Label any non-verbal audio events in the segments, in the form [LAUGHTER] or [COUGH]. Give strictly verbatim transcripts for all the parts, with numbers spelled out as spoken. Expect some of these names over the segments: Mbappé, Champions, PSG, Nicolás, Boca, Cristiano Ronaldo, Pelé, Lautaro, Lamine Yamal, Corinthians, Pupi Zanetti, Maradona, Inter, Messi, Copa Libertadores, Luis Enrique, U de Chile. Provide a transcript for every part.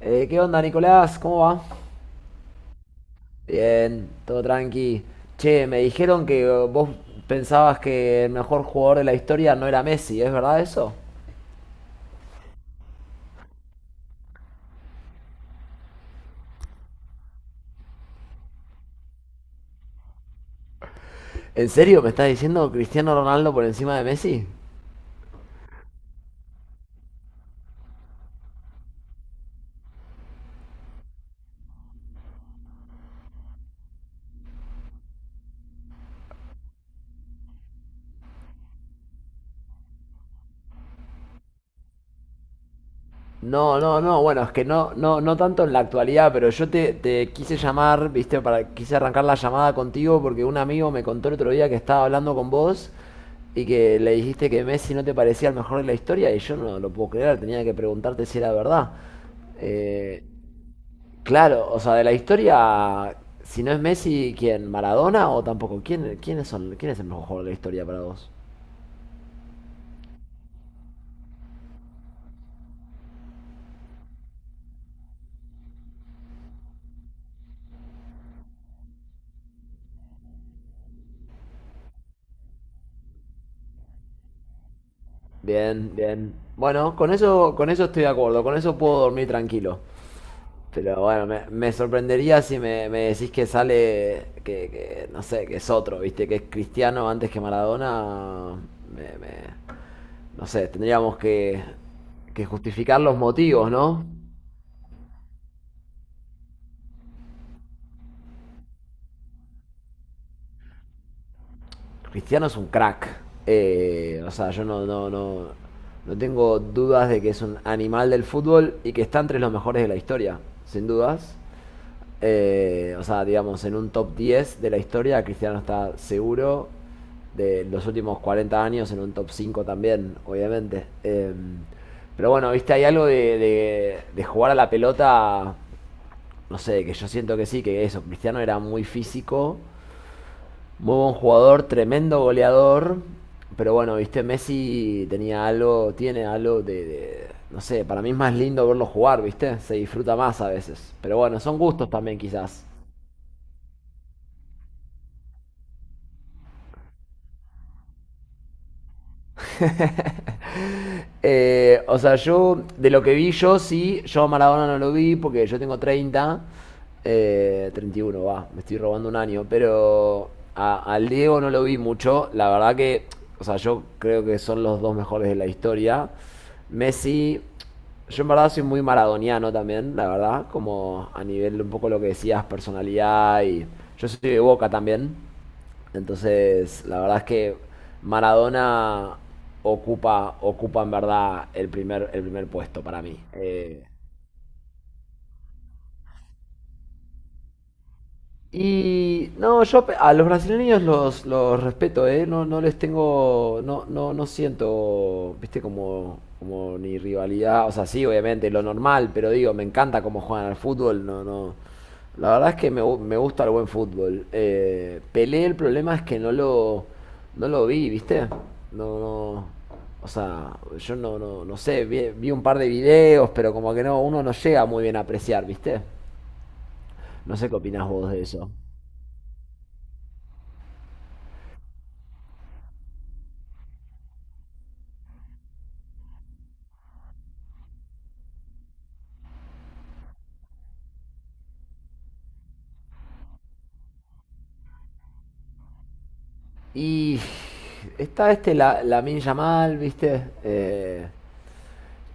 Eh, ¿qué onda, Nicolás? ¿Cómo va? Bien, todo tranqui. Che, me dijeron que eh, vos pensabas que el mejor jugador de la historia no era Messi, ¿es verdad eso? ¿En serio me estás diciendo Cristiano Ronaldo por encima de Messi? No, no, no, bueno, es que no, no, no tanto en la actualidad, pero yo te, te quise llamar, viste, para, quise arrancar la llamada contigo porque un amigo me contó el otro día que estaba hablando con vos y que le dijiste que Messi no te parecía el mejor de la historia y yo no lo puedo creer, tenía que preguntarte si era verdad. Eh, claro, o sea, de la historia, si no es Messi, ¿quién? ¿Maradona o tampoco? ¿Quién, quiénes son, quién es el mejor jugador de la historia para vos? Bien, bien. Bueno, con eso, con eso estoy de acuerdo, con eso puedo dormir tranquilo. Pero bueno, me, me sorprendería si me, me decís que sale, que, que, no sé, que es otro, ¿viste? Que es Cristiano antes que Maradona. Me, me- no sé, tendríamos que, que justificar los motivos, ¿no? Cristiano es un crack. Eh, o sea, yo no, no, no, no tengo dudas de que es un animal del fútbol y que está entre los mejores de la historia, sin dudas. Eh, o sea, digamos, en un top diez de la historia, Cristiano está seguro. De los últimos cuarenta años, en un top cinco también, obviamente. Eh, pero bueno, viste, hay algo de, de, de jugar a la pelota, no sé, que yo siento que sí, que eso, Cristiano era muy físico, muy buen jugador, tremendo goleador. Pero bueno, viste, Messi tenía algo, tiene algo de, de- no sé, para mí es más lindo verlo jugar, viste, se disfruta más a veces. Pero bueno, son gustos también quizás. [LAUGHS] Eh, o sea, yo, de lo que vi yo, sí, yo a Maradona no lo vi porque yo tengo treinta eh, treinta y uno va, me estoy robando un año, pero a- al Diego no lo vi mucho, la verdad que, o sea, yo creo que son los dos mejores de la historia. Messi, yo en verdad soy muy maradoniano también, la verdad, como a nivel un poco lo que decías, personalidad y yo soy de Boca también. Entonces, la verdad es que Maradona ocupa, ocupa en verdad el primer, el primer puesto para mí. Eh, Y no, yo pe- a los brasileños los, los respeto, ¿eh? No, no les tengo, no, no, no siento, viste, como, como ni rivalidad, o sea, sí, obviamente, lo normal, pero digo, me encanta cómo juegan al fútbol, no, no. La verdad es que me, gu- me gusta el buen fútbol. Eh, Pelé, el problema es que no lo, no lo vi, viste, no, no. O sea, yo no, no, no sé, vi, vi un par de videos, pero como que no, uno no llega muy bien a apreciar, ¿viste? No sé qué opinás vos de eso. Y está este la, Lamine Yamal, ¿viste? Eh,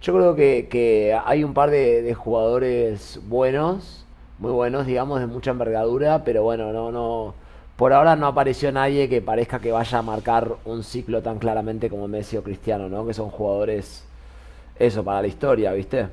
yo creo que, que hay un par de, de jugadores buenos, muy buenos, digamos, de mucha envergadura, pero bueno, no, no. Por ahora no apareció nadie que parezca que vaya a marcar un ciclo tan claramente como Messi o Cristiano, ¿no? Que son jugadores, eso, para la historia, ¿viste?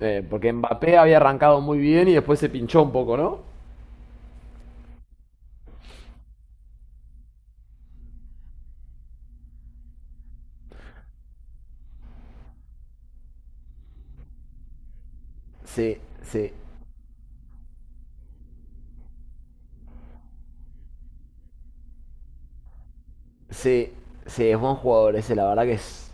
Eh, porque Mbappé había arrancado muy bien y después se pinchó un poco, ¿no? Sí, sí. Sí, sí, es buen jugador ese, la verdad que es,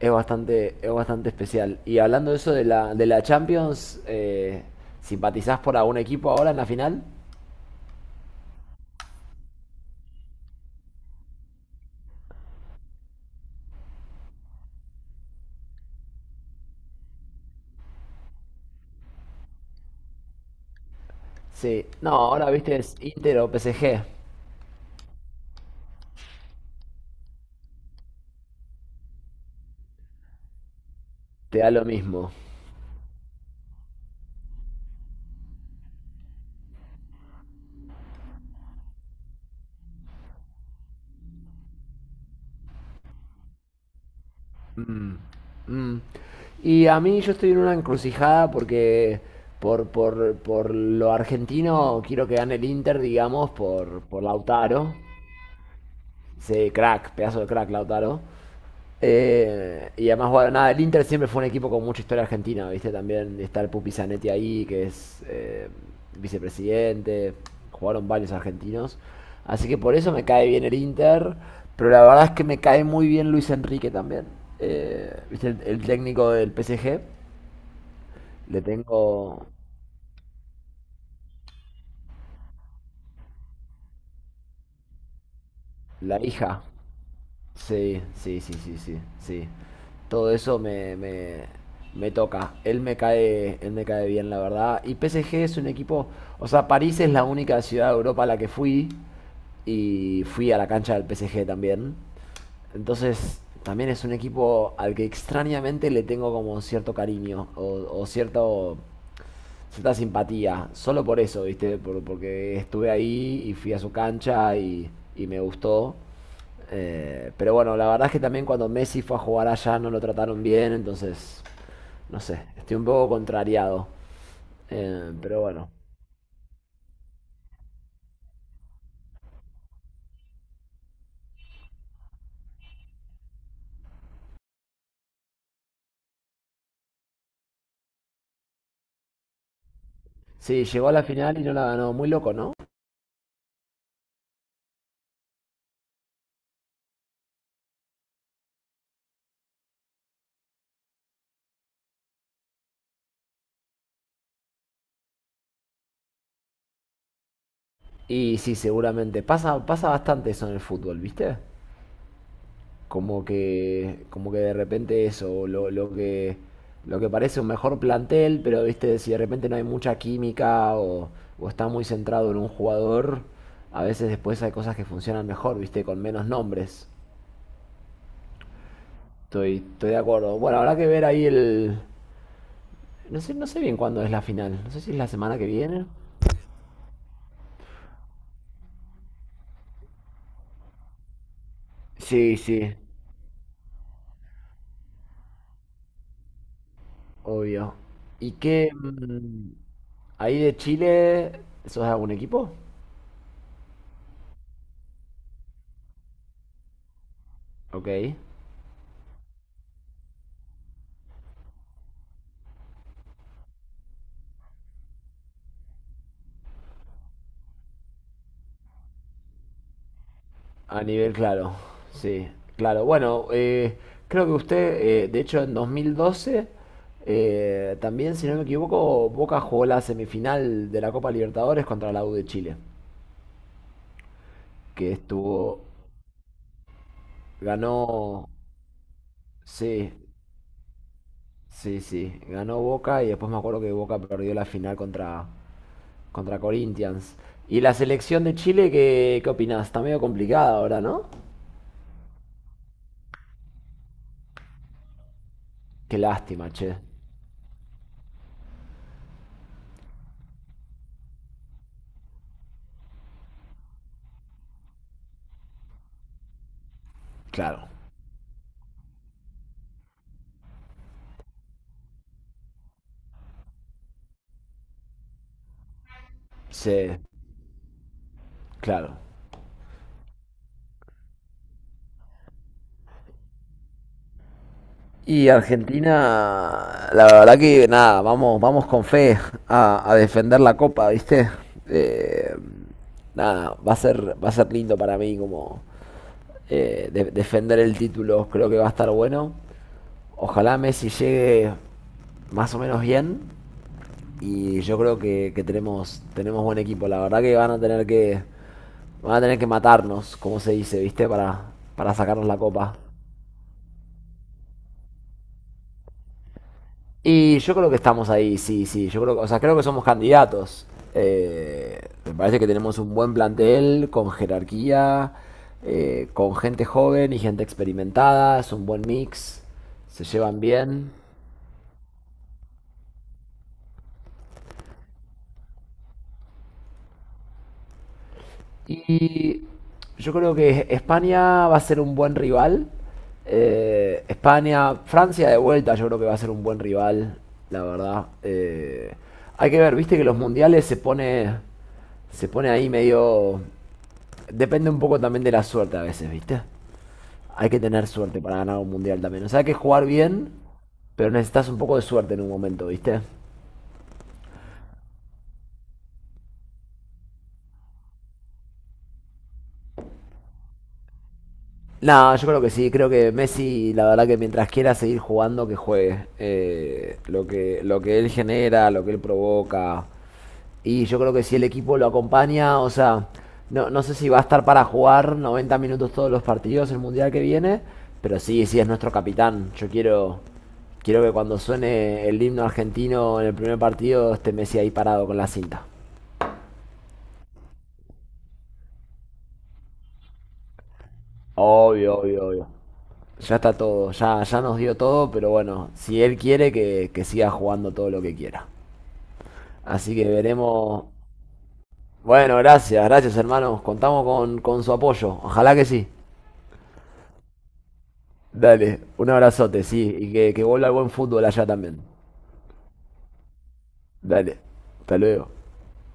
es bastante, es bastante especial. Y hablando de eso de la, de la Champions, eh, ¿simpatizás por algún equipo ahora en la final? Sí, no, ahora viste es Inter o P S G, te da lo mismo. Mm. Y a mí yo estoy en una encrucijada porque por, por, por lo argentino quiero que gane el Inter, digamos, por, por Lautaro. Sí, crack, pedazo de crack, Lautaro. Eh, y además, bueno, nada, el Inter siempre fue un equipo con mucha historia argentina, ¿viste? También está el Pupi Zanetti ahí, que es eh, vicepresidente, jugaron varios argentinos. Así que por eso me cae bien el Inter, pero la verdad es que me cae muy bien Luis Enrique también. Eh, ¿viste? El, el técnico del P S G, le tengo la hija. Sí, sí, sí, sí, sí, sí. Todo eso me, me, me toca. Él me cae, él me cae bien, la verdad. Y P S G es un equipo, o sea, París es la única ciudad de Europa a la que fui y fui a la cancha del P S G también. Entonces, también es un equipo al que extrañamente le tengo como cierto cariño o, o cierto cierta simpatía, solo por eso, ¿viste? Por- porque estuve ahí y fui a su cancha y, y me gustó. Eh, pero bueno, la verdad es que también cuando Messi fue a jugar allá no lo trataron bien, entonces, no sé, estoy un poco contrariado. Eh, pero bueno, sí, llegó a la final y no la ganó, muy loco, ¿no? Y sí, seguramente, pasa, pasa bastante eso en el fútbol, ¿viste? Como que, como que de repente eso, lo, lo que, lo que parece un mejor plantel, pero viste, si de repente no hay mucha química o, o está muy centrado en un jugador, a veces después hay cosas que funcionan mejor, viste, con menos nombres. Estoy, estoy de acuerdo. Bueno, habrá que ver ahí el... No sé, no sé bien cuándo es la final. No sé si es la semana que viene. Sí, sí, obvio. ¿Y qué? Mm, ¿ahí de Chile, sos de algún equipo? Ok. A nivel, claro, sí, claro. Bueno, eh, creo que usted, eh, de hecho, en dos mil doce, eh, también, si no me equivoco, Boca jugó la semifinal de la Copa Libertadores contra la U de Chile, que estuvo, ganó, sí, sí, sí, ganó Boca y después me acuerdo que Boca perdió la final contra, contra Corinthians. Y la selección de Chile, ¿qué, qué opinás? Está medio complicada ahora, ¿no? Qué lástima, che. Claro. Sí, claro. Y Argentina, la verdad que nada, vamos, vamos con fe a, a defender la copa, ¿viste? Eh, nada, va a ser, va a ser lindo para mí como eh, de- defender el título, creo que va a estar bueno. Ojalá Messi llegue más o menos bien y yo creo que, que tenemos, tenemos buen equipo. La verdad que van a tener que, van a tener que matarnos, como se dice, ¿viste? Para, para sacarnos la copa. Y yo creo que estamos ahí, sí, sí. Yo creo, o sea, creo que somos candidatos. Eh, me parece que tenemos un buen plantel con jerarquía, eh, con gente joven y gente experimentada. Es un buen mix. Se llevan bien. Y yo creo que España va a ser un buen rival. Eh, España, Francia de vuelta, yo creo que va a ser un buen rival, la verdad. Eh, hay que ver, viste que los mundiales se pone, se pone ahí medio. Depende un poco también de la suerte a veces, ¿viste? Hay que tener suerte para ganar un mundial también. O sea, hay que jugar bien, pero necesitas un poco de suerte en un momento, ¿viste? Nada, yo creo que sí, creo que Messi, la verdad que mientras quiera seguir jugando, que juegue. Eh, lo que, lo que él genera, lo que él provoca, y yo creo que si el equipo lo acompaña, o sea, no, no sé si va a estar para jugar noventa minutos todos los partidos el mundial que viene, pero sí, sí es nuestro capitán. Yo quiero, quiero que cuando suene el himno argentino en el primer partido esté Messi ahí parado con la cinta. Obvio, obvio, obvio. Ya está todo, ya, ya nos dio todo, pero bueno, si él quiere que, que siga jugando todo lo que quiera. Así que veremos. Bueno, gracias, gracias hermanos. Contamos con, con su apoyo. Ojalá que sí. Dale, un abrazote, sí, y que, que vuelva el buen fútbol allá también. Dale, hasta luego.